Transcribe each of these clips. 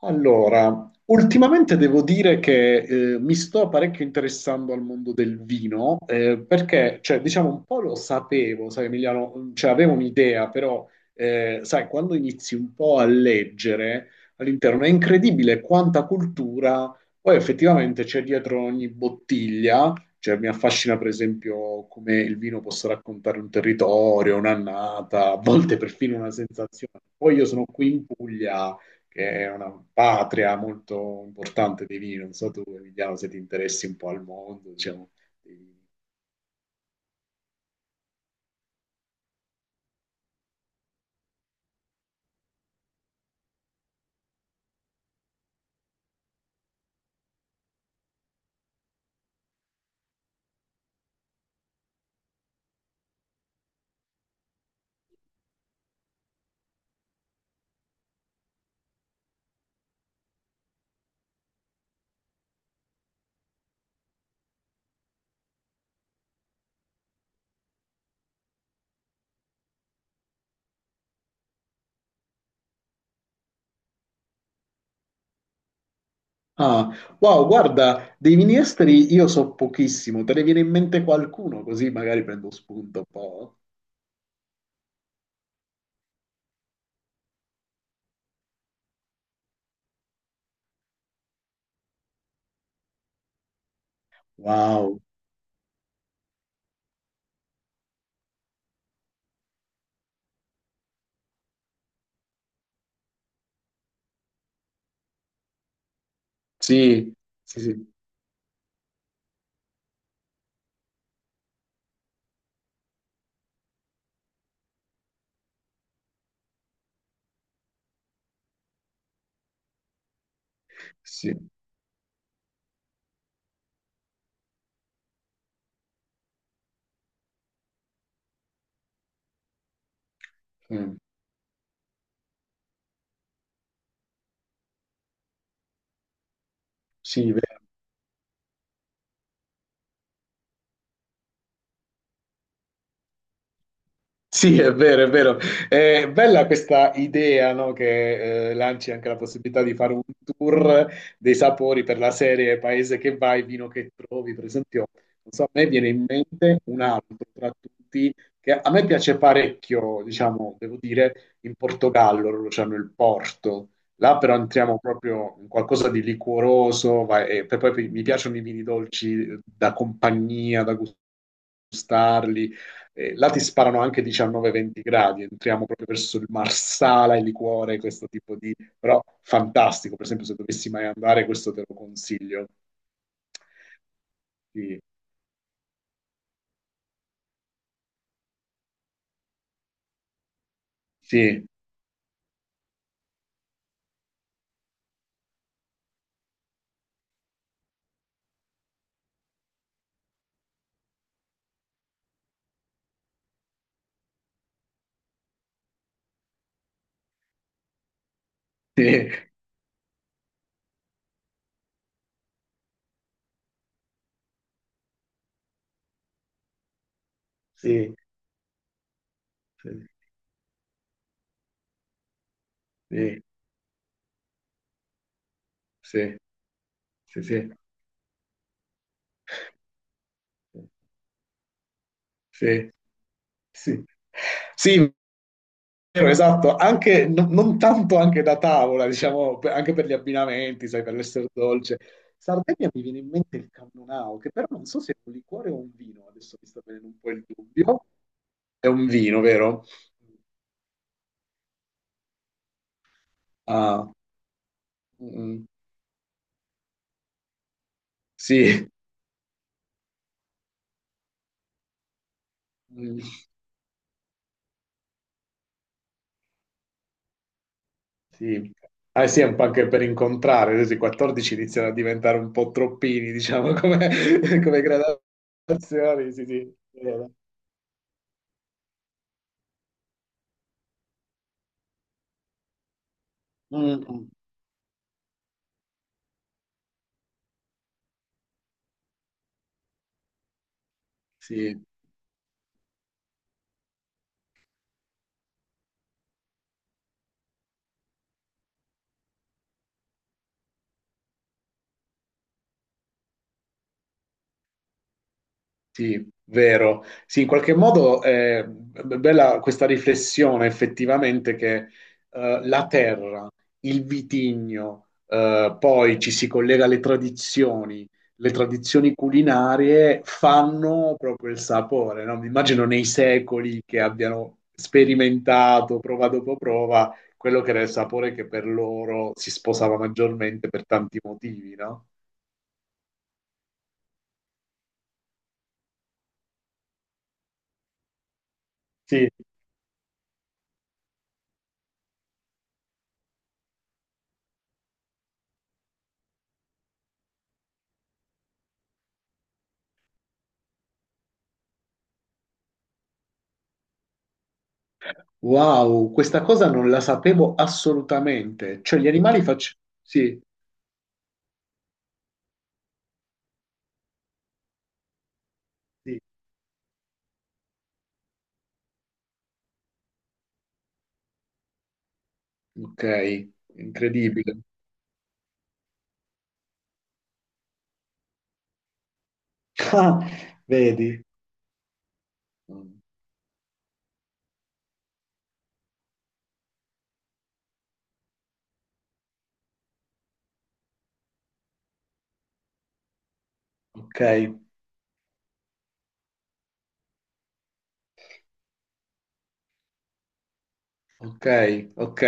Allora, ultimamente devo dire che mi sto parecchio interessando al mondo del vino, perché, cioè, diciamo, un po' lo sapevo, sai, Emiliano, cioè, avevo un'idea, però, sai, quando inizi un po' a leggere all'interno è incredibile quanta cultura poi effettivamente c'è dietro ogni bottiglia. Cioè, mi affascina, per esempio, come il vino possa raccontare un territorio, un'annata, a volte perfino una sensazione. Poi io sono qui in Puglia che è una patria molto importante dei vini. Non so tu, Emiliano, se ti interessi un po' al mondo, diciamo. Vini. Ah, wow, guarda, dei vini esteri io so pochissimo, te ne viene in mente qualcuno così magari prendo spunto un po'. Wow, sì, sì, sì, sì, sì, mm, sì, vero. Sì, è vero, è vero. È bella questa idea, no, che lanci anche la possibilità di fare un tour dei sapori per la serie Paese che vai, vino che trovi. Per esempio, non so, a me viene in mente un altro tra tutti che a me piace parecchio, diciamo, devo dire, in Portogallo, loro c'hanno il Porto. Là però entriamo proprio in qualcosa di liquoroso, e poi mi piacciono i vini dolci, da compagnia, da gustarli, là ti sparano anche 19-20 gradi, entriamo proprio verso il Marsala, il liquore, questo tipo di. Però fantastico, per esempio se dovessi mai andare questo te lo consiglio. Sì, sì, sì, sì, sì, sì, sì, sì, sì, sì. Sì, sì, vero, esatto, anche, non tanto anche da tavola, diciamo, anche per gli abbinamenti, sai, per l'essere dolce. Sardegna mi viene in mente il cannonau, che però non so se è un liquore o un vino, adesso mi sta venendo un po' il dubbio. È un vino, vero? Ah, mm, sì, mm, sì. Ah, sì, è un po' anche per incontrare, adesso i 14 iniziano a diventare un po' troppini, diciamo, come, come gradazioni, sì, sì. È vero. Mm, mm, sì. Sì, vero. Sì, in qualche modo è bella questa riflessione effettivamente che, la terra, il vitigno, poi ci si collega alle tradizioni, le tradizioni culinarie fanno proprio il sapore, no? Mi immagino nei secoli che abbiano sperimentato prova dopo prova quello che era il sapore che per loro si sposava maggiormente per tanti motivi, no? Wow, questa cosa non la sapevo assolutamente. Cioè, gli animali faccio. Sì, sì. Ok, incredibile. Ah, vedi? Ok, ok, ok,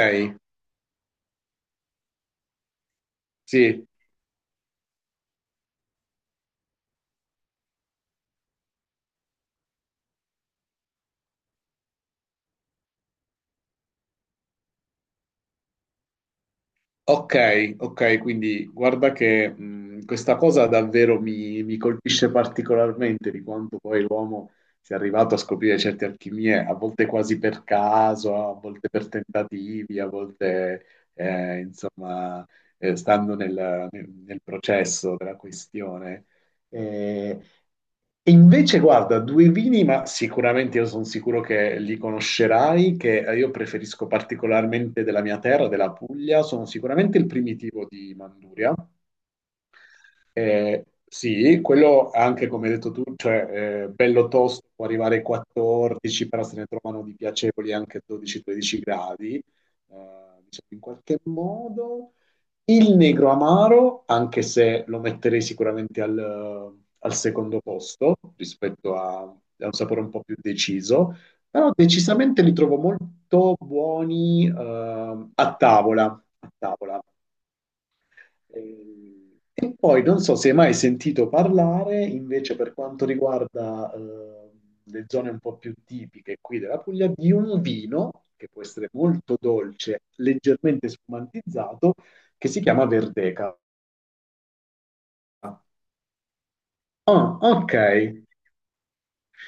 sì. Ok, ok, quindi guarda che questa cosa davvero mi colpisce particolarmente di quanto poi l'uomo sia arrivato a scoprire certe alchimie, a volte quasi per caso, a volte per tentativi, a volte, insomma, stando nel, nel processo della questione. Eh, e invece, guarda, due vini, ma sicuramente io sono sicuro che li conoscerai, che io preferisco particolarmente della mia terra, della Puglia, sono sicuramente il primitivo di Manduria. Sì, quello anche come hai detto tu, cioè bello tosto, può arrivare ai 14, però se ne trovano di piacevoli anche 12-13 gradi. Diciamo, in qualche modo. Il Negro Amaro, anche se lo metterei sicuramente al secondo posto rispetto a un sapore un po' più deciso, però decisamente li trovo molto buoni, a tavola. A tavola. E poi non so se hai mai sentito parlare invece per quanto riguarda le zone un po' più tipiche qui della Puglia di un vino che può essere molto dolce, leggermente spumantizzato, che si chiama Verdeca. Ah, ok.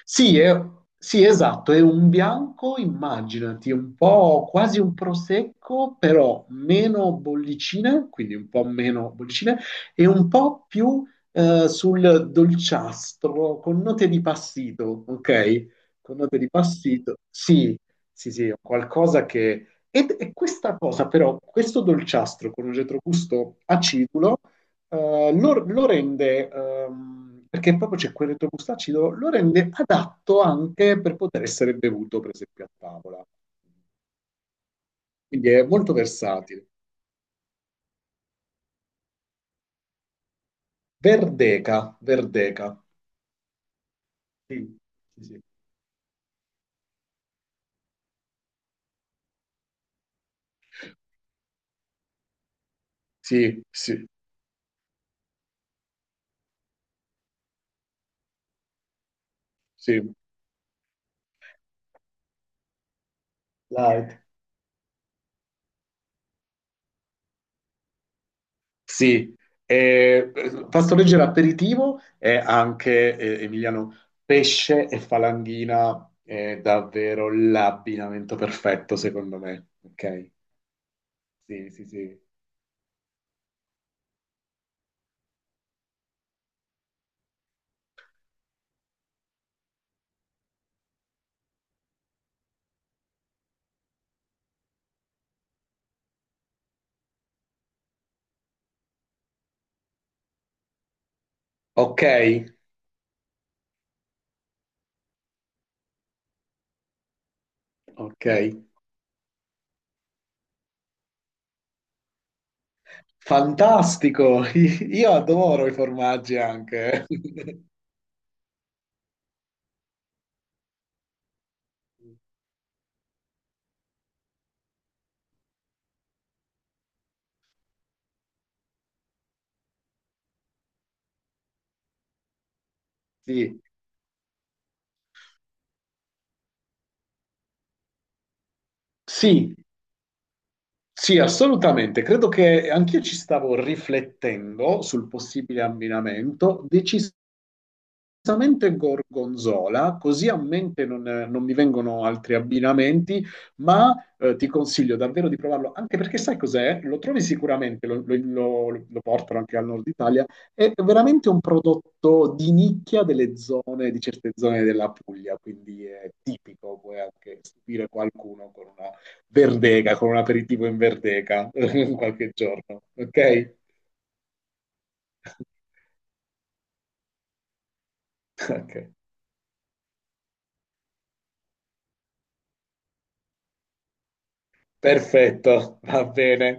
Sì, sì, esatto, è un bianco, immaginati, un po' quasi un prosecco, però meno bollicine, quindi un po' meno bollicine, e un po' più sul dolciastro, con note di passito, ok? Con note di passito. Sì, sì, sì, è qualcosa che. E questa cosa però, questo dolciastro con un retrogusto acidulo, lo rende, perché proprio c'è quel retrogusto acido, lo rende adatto anche per poter essere bevuto, per esempio, a tavola. Quindi è molto versatile. Verdeca, Verdeca. Sì, sì, sì. Sì, sì, sì. Light. Sì, eh, pasto leggero aperitivo è anche Emiliano pesce e falanghina è davvero l'abbinamento perfetto secondo me. Ok? Sì, sì, sì. Ok, ok. Fantastico, io adoro i formaggi anche. Sì, sì, sì, assolutamente. Credo che anch'io ci stavo riflettendo sul possibile abbinamento. Onestamente gorgonzola, così a mente non mi vengono altri abbinamenti, ma ti consiglio davvero di provarlo, anche perché sai cos'è? Lo trovi sicuramente, lo portano anche al nord Italia, è veramente un prodotto di nicchia delle zone, di certe zone della Puglia, quindi è tipico, puoi anche stupire qualcuno con una verdeca, con un aperitivo in verdeca qualche giorno, ok? Ok, perfetto, va bene.